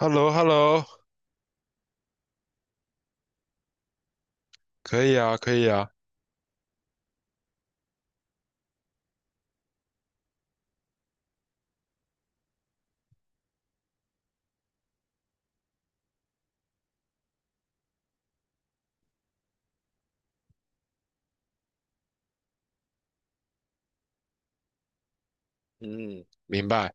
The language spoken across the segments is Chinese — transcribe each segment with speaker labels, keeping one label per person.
Speaker 1: hello hello 可以啊，可以啊，嗯，明白，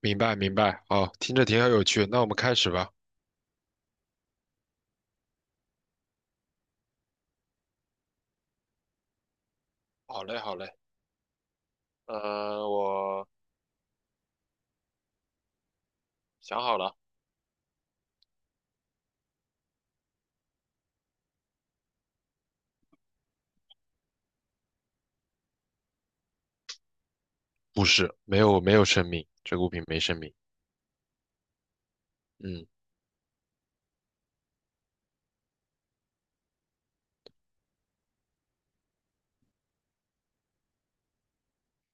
Speaker 1: 明白，明白。哦，听着挺有趣，那我们开始吧。好嘞，好嘞，我想好了。不是，没有，没有生命，这个物品没生命。嗯，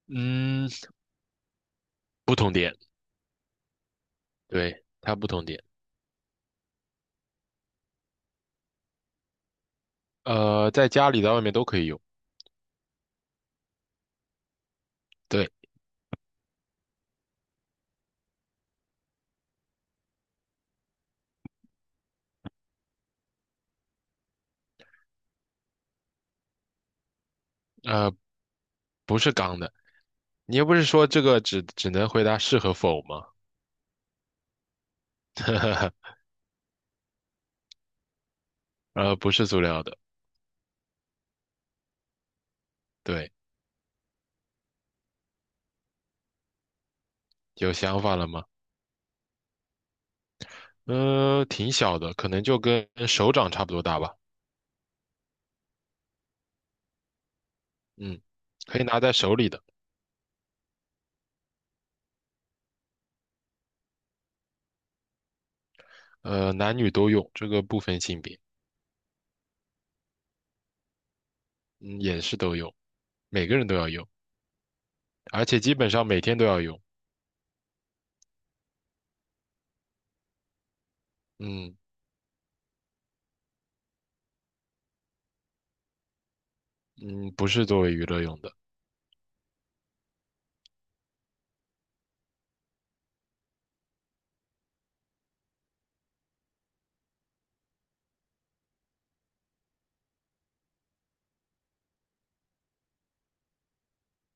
Speaker 1: 嗯，不同点，对，它不同点。在家里，在外面都可以用。对，呃，不是钢的。你又不是说这个只能回答是和否吗？不是塑料的。对，有想法了吗？挺小的，可能就跟手掌差不多大吧。嗯，可以拿在手里的。男女都用，这个不分性别。嗯，也是都用，每个人都要用，而且基本上每天都要用。嗯嗯，不是作为娱乐用的。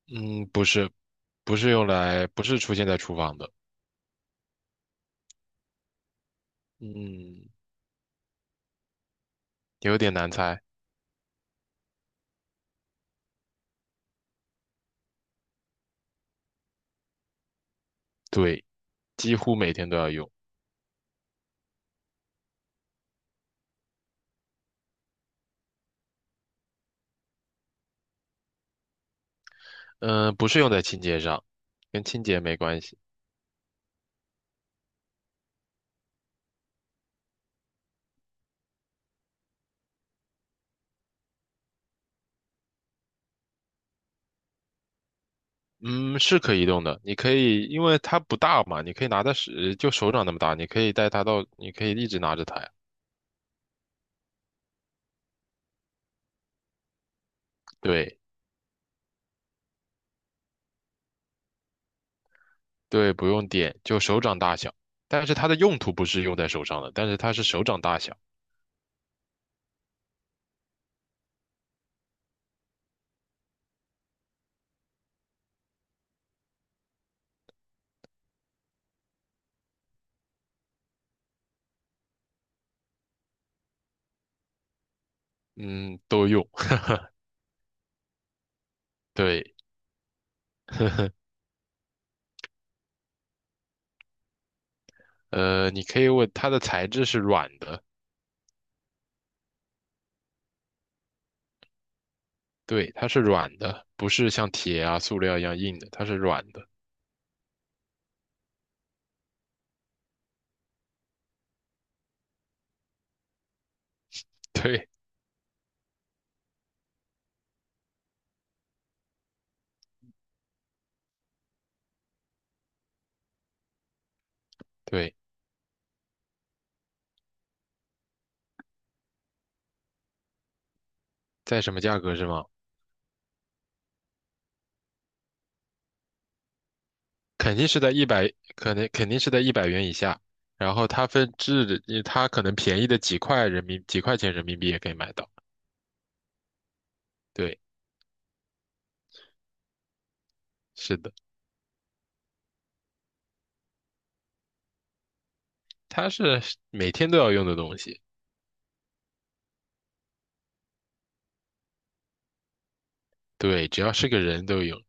Speaker 1: 嗯，不是，不是用来，不是出现在厨房的。嗯，有点难猜。对，几乎每天都要用。嗯、不是用在清洁上，跟清洁没关系。嗯，是可以移动的。你可以，因为它不大嘛，你可以拿在手，就手掌那么大，你可以带它到，你可以一直拿着它呀。对对，不用点，就手掌大小。但是它的用途不是用在手上的，但是它是手掌大小。嗯，都用。对，呵呵，你可以问它的材质是软的。对，它是软的，不是像铁啊、塑料一样硬的，它是软的。对对，在什么价格是吗？肯定是在一百，可能肯定是在100元以下。然后它分质的，它可能便宜的几块钱人民币也可以买到。对，是的，它是每天都要用的东西。对，只要是个人都用。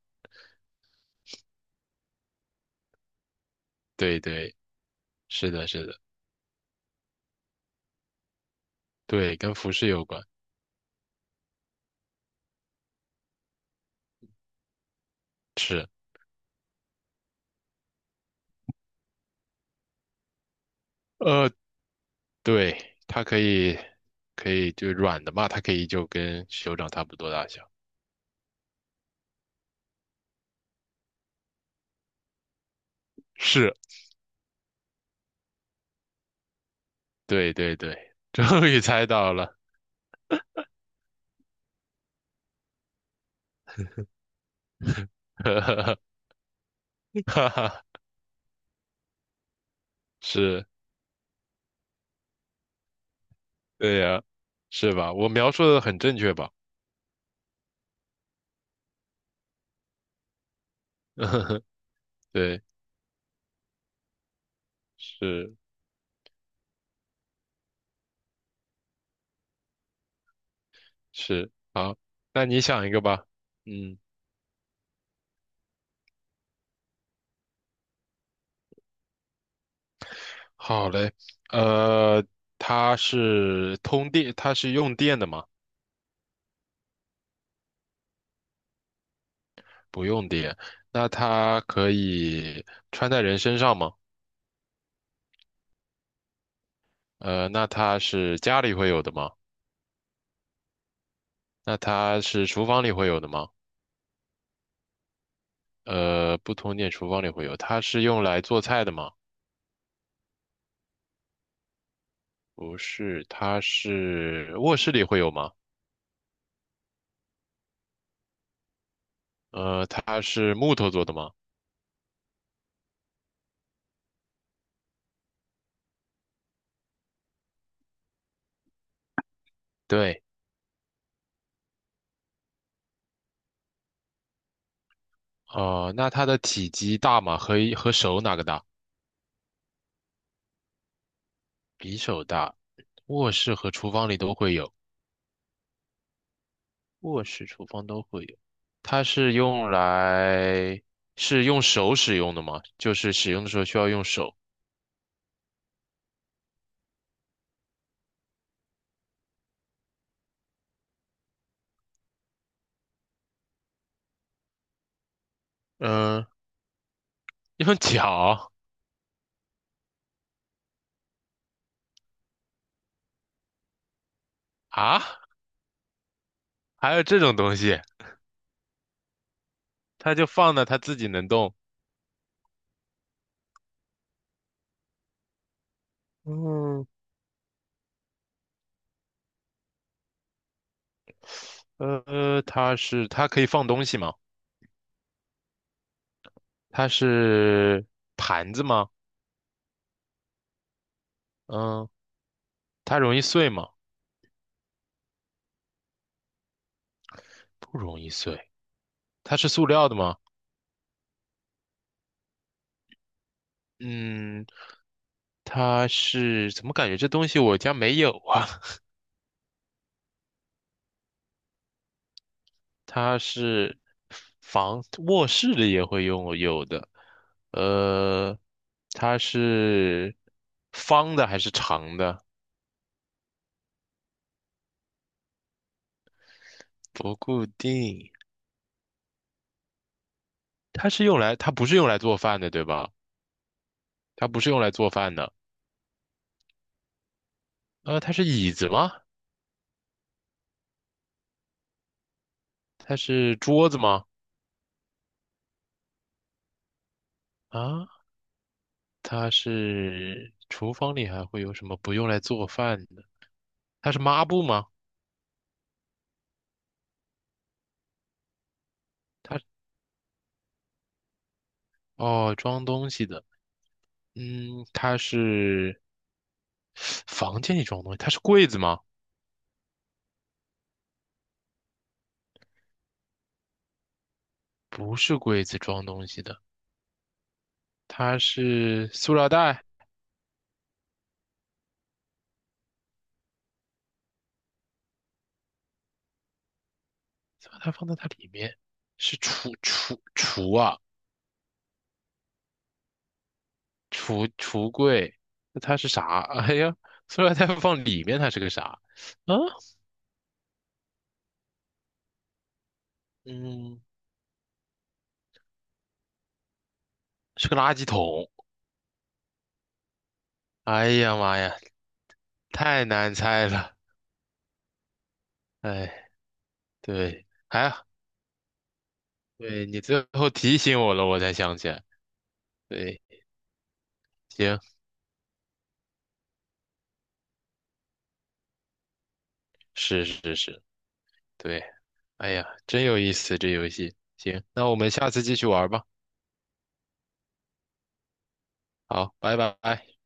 Speaker 1: 对对，是的，是的。对，跟服饰有关。是，呃，对，它可以，可以就软的嘛，它可以就跟手掌差不多大小。是，对对对，终于猜到了。哈哈哈哈，是。对呀，是吧？我描述的很正确吧？对，是是，好。那你想一个吧。嗯，好嘞。呃，它是通电，它是用电的吗？不用电。那它可以穿在人身上吗？那它是家里会有的吗？那它是厨房里会有的吗？不通电，厨房里会有。它是用来做菜的吗？不是，它是卧室里会有吗？它是木头做的吗？对，哦、那它的体积大吗？和手哪个大？比手大，卧室和厨房里都会有，卧室、厨房都会有。它是用来是用手使用的吗？就是使用的时候需要用手。嗯、用脚啊？还有这种东西？它就放那，它自己能动。嗯，它可以放东西吗？它是盘子吗？嗯，它容易碎吗？不容易碎。它是塑料的吗？嗯，怎么感觉这东西我家没有啊？它是房，卧室里也会用有的。呃，它是方的还是长的？不固定。它不是用来做饭的，对吧？它不是用来做饭的。它是椅子吗？它是桌子吗？啊，它是厨房里还会有什么不用来做饭？它是抹布吗？它哦，装东西的。嗯，它是房间里装东西，它是柜子吗？不是柜子装东西的，它是塑料袋，塑料袋放在它里面，是橱啊，橱柜。那它是啥？哎呀，塑料袋放里面，它是个啥？啊，嗯，是个垃圾桶。哎呀妈呀，太难猜了。哎，对，还、好，对你最后提醒我了，我才想起来。对，行，是是是，对，哎呀，真有意思这游戏。行，那我们下次继续玩吧。好，拜拜。